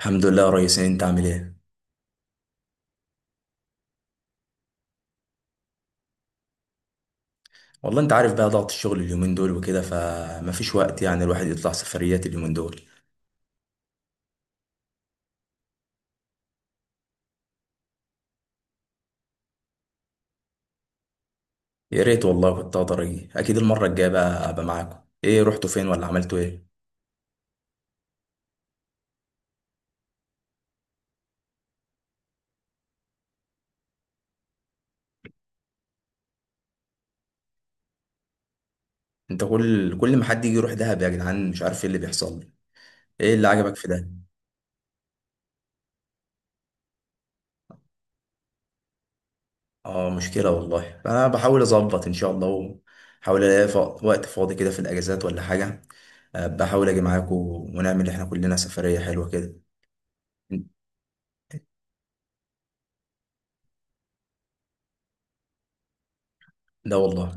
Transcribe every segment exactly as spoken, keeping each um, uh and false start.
الحمد لله يا ريس إيه، انت عامل ايه. والله انت عارف بقى ضغط الشغل اليومين دول وكده فمفيش وقت يعني الواحد يطلع سفريات اليومين دول. يا ريت والله كنت اقدر اجي، اكيد المره الجايه بقى ابقى معاكم. ايه رحتوا فين ولا عملتوا ايه؟ انت كل كل ما حد يجي يروح دهب يا جدعان مش عارف ايه اللي بيحصل لي. ايه اللي عجبك في ده؟ اه مشكله والله، انا بحاول اظبط ان شاء الله. وحاول الاقي ف- وقت فاضي كده في الاجازات ولا حاجه. اه، بحاول اجي معاكم ونعمل احنا كلنا سفريه حلوه كده. ده والله.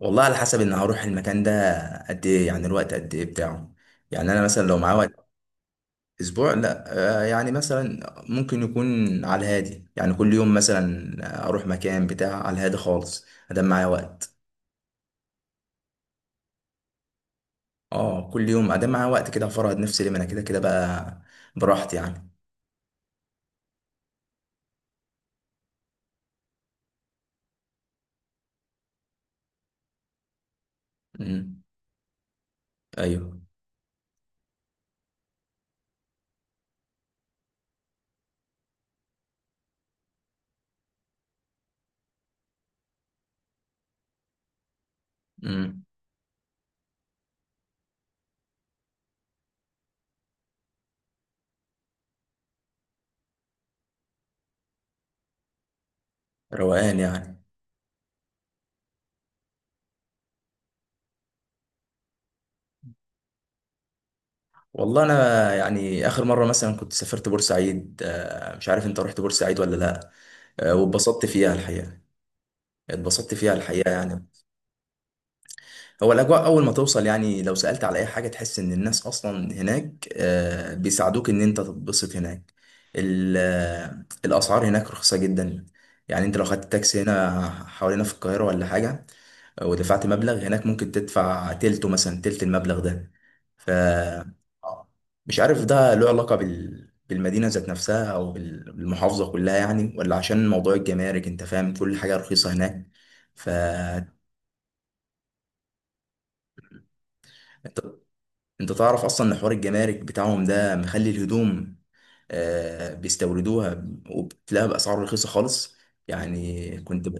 والله على حسب ان هروح المكان ده قد ايه، يعني الوقت قد ايه بتاعه. يعني انا مثلا لو معايا وقت اسبوع، لا. آه، يعني مثلا ممكن يكون على الهادي، يعني كل يوم مثلا اروح مكان بتاع على الهادي خالص ادام معايا وقت. اه كل يوم ادام معايا وقت كده هفرهد نفسي ليه، ما انا كده كده بقى، براحتي يعني. امم ايوه. امم روقان يعني. والله انا يعني اخر مره مثلا كنت سافرت بورسعيد، آه، مش عارف انت رحت بورسعيد ولا لا. آه، واتبسطت فيها الحقيقه. اتبسطت فيها الحقيقة يعني. هو الأجواء أول ما توصل، يعني لو سألت على أي حاجة تحس إن الناس أصلا هناك آه، بيساعدوك إن أنت تتبسط هناك. ال- آه، الأسعار هناك رخيصة جدا. يعني أنت لو خدت تاكسي هنا حوالينا في القاهرة ولا حاجة، آه، ودفعت مبلغ، هناك ممكن تدفع تلته مثلا، تلت المبلغ ده. ف آه، مش عارف ده له علاقة بال بالمدينة ذات نفسها أو بال- بالمحافظة كلها يعني، ولا عشان موضوع الجمارك. أنت فاهم كل حاجة رخيصة هناك. ف انت تعرف اصلا ان حوار الجمارك بتاعهم ده مخلي الهدوم آه بيستوردوها، وبتلاقيها باسعار رخيصه خالص. يعني كنت ب...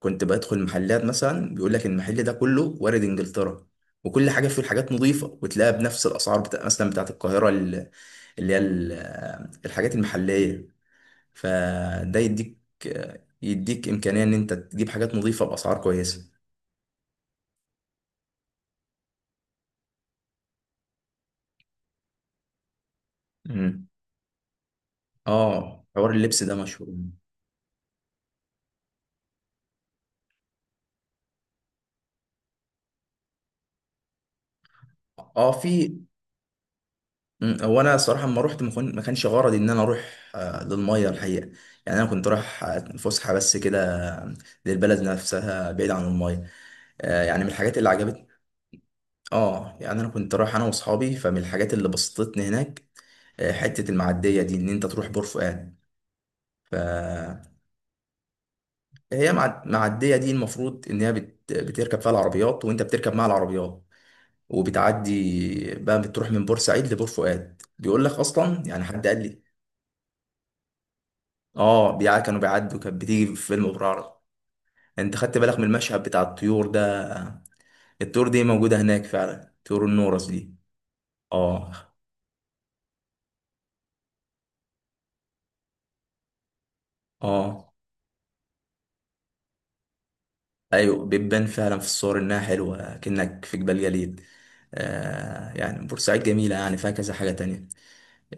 كنت بدخل محلات مثلا بيقول لك المحل ده كله وارد انجلترا، وكل حاجه فيه الحاجات نظيفه وتلاقيها بنفس الاسعار بتاع مثلا بتاعت القاهره ال- اللي هي ال- آه، الحاجات المحليه. فده يديك آه، يديك امكانيه ان انت تجيب حاجات نظيفه باسعار كويسه. مم. اه حوار اللبس ده مشهور. اه في. مم، هو انا الصراحه لما رحت ما كان- ما كانش غرضي ان انا اروح آه، للميه الحقيقه. يعني انا كنت رايح آه، فسحه بس كده، آه، للبلد نفسها بعيد عن الميه. آه، يعني من الحاجات اللي عجبتني، اه، يعني انا كنت رايح انا واصحابي، فمن الحاجات اللي بسطتني هناك آه، حته المعديه دي ان انت تروح بور فؤاد. فهي معديه دي المفروض ان هي بت- بتركب فيها العربيات، وانت بتركب مع العربيات وبتعدي بقى، بتروح من بورسعيد لبور فؤاد. بيقول لك اصلا، يعني حد قال لي اه بيع كانوا بيعدوا، كانت بتيجي في فيلم ابراهيم. انت خدت بالك من المشهد بتاع الطيور ده؟ الطيور دي موجوده هناك فعلا، طيور النورس دي. اه. اه. ايوه بتبان فعلا في الصور انها حلوه كأنك في جبال جليد. آه يعني بورسعيد جميله، يعني فيها كذا حاجه تانية.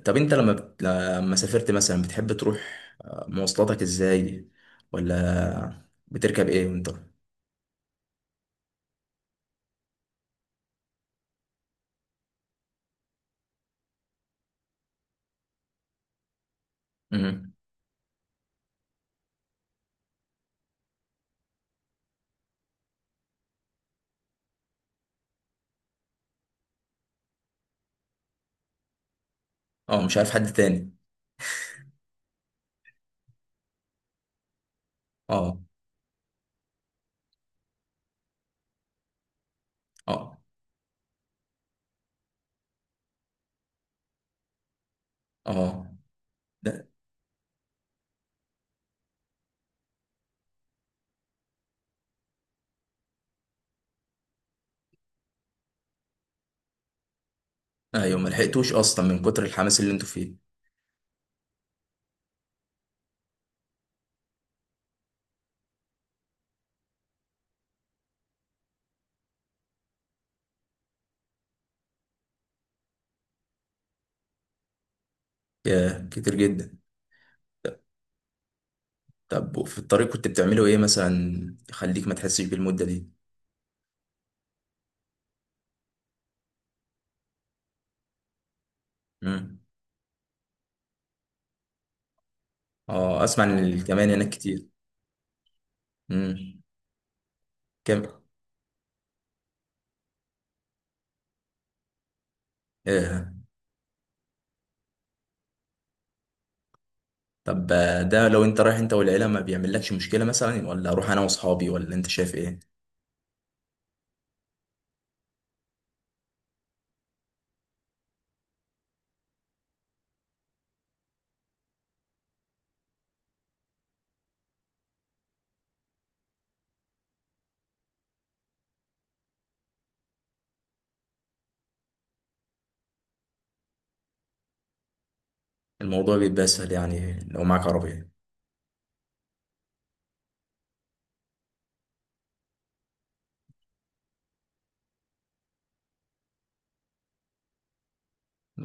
طب انت لما بت... لما سافرت مثلا بتحب تروح آه، مواصلاتك ازاي، ولا بتركب ايه وانت رايح؟ مم. اه مش عارف حد تاني. اه. اه. اه ايوه، ما لحقتوش اصلا من كتر الحماس اللي انتوا فيه. يا كتير جدا. طب وفي الطريق كنت بتعملوا ايه مثلا يخليك ما تحسش بالمده دي؟ امم. اه اسمع ان الكمان هناك كتير. امم. كم؟ ايه. طب آه، ده لو انت رايح انت والعيله ما بيعملكش مشكله، مثلا ولا اروح انا واصحابي، ولا انت شايف ايه؟ الموضوع بيبقى اسهل يعني لو معاك عربيه.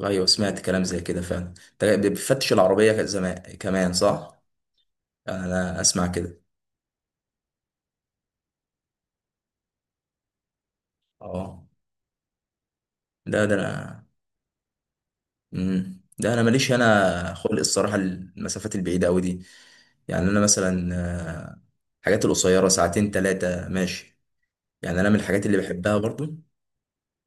ايوه سمعت كلام زي كده فعلا. انت بتفتش العربيه زمان كمان صح، يعني انا اسمع كده. اه. لا ده انا، امم ده انا ماليش انا خلق الصراحه المسافات البعيده قوي دي. يعني انا مثلا آه، الحاجات القصيره ساعتين ثلاثه ماشي. يعني انا من الحاجات اللي بحبها برضو،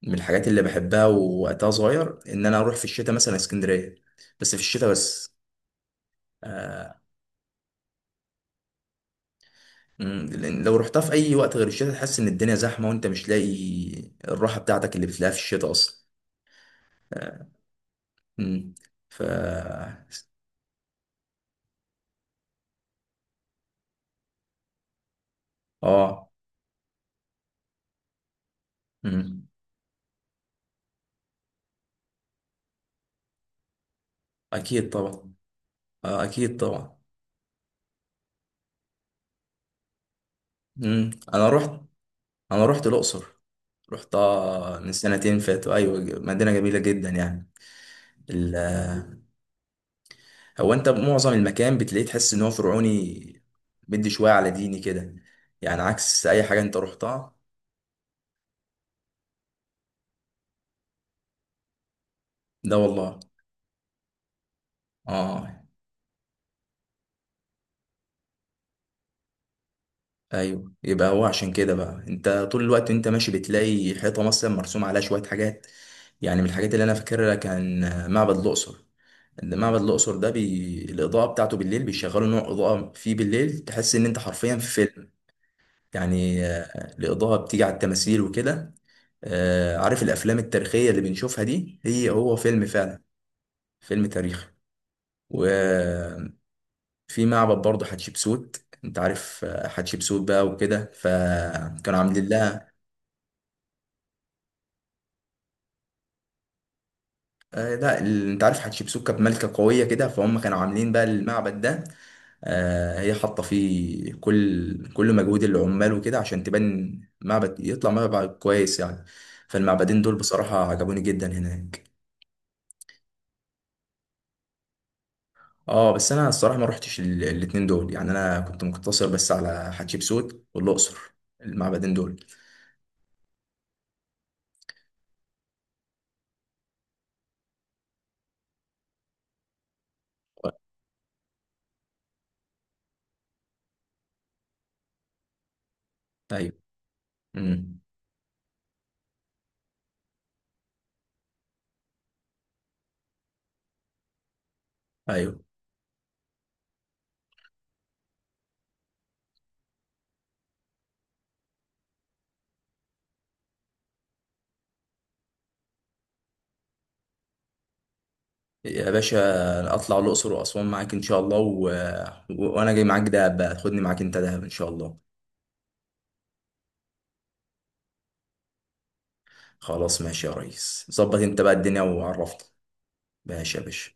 من الحاجات اللي بحبها ووقتها صغير ان انا اروح في الشتاء مثلا اسكندريه، بس في الشتاء بس. آه، مم، لأن لو رحتها في اي وقت غير الشتاء تحس ان الدنيا زحمه وانت مش لاقي الراحه بتاعتك اللي بتلاقيها في الشتاء اصلا. آه، مم، ف اه، مم، اكيد طبعا. آه، اكيد طبعا. مم. انا رحت انا رحت الاقصر. رحت آه، من سنتين فاتوا ايوه، ج- مدينه جميله جدا يعني. ال- آه، هو انت معظم المكان بتلاقيه تحس ان هو فرعوني، بدي شويه على ديني كده، يعني عكس اي حاجه انت رحتها. ده والله. اه ايوه، يبقى هو عشان كده بقى انت طول الوقت انت ماشي بتلاقي حيطه مثلا مرسوم عليها شويه حاجات. يعني من الحاجات اللي انا فاكرها كان آه، معبد الاقصر. معبد الاقصر ده بي... الاضاءه بتاعته بالليل، بيشغلوا نوع اضاءه فيه بالليل تحس ان انت حرفيا في فيلم. يعني آه، الاضاءه بتيجي على التماثيل وكده. آه، عارف الافلام التاريخيه اللي بنشوفها دي، هي هو فيلم فعلا، فيلم تاريخي. وفي معبد برضه حتشبسوت. انت عارف آه، حتشبسوت بقى وكده، فكانوا عاملين لها آه، لا ال- انت عارف حتشبسوت كانت ملكه قويه كده، فهم كانوا عاملين بقى المعبد ده آه، هي حاطه فيه كل كل مجهود العمال وكده عشان تبان معبد، يطلع معبد كويس يعني. فالمعبدين دول بصراحه عجبوني جدا هناك. اه بس انا الصراحه ما روحتش ال- الاتنين دول، يعني انا كنت مقتصر بس على حتشبسوت والاقصر، المعبدين دول. ايوه. امم. ايوه. يا باشا اطلع الاقصر واسوان معاك ان شاء الله و... و... وانا جاي معاك دهب بقى، خدني معاك انت دهب ان شاء الله. خلاص ماشي يا ريس، ظبط انت بقى الدنيا وعرفني. ماشي يا باشا.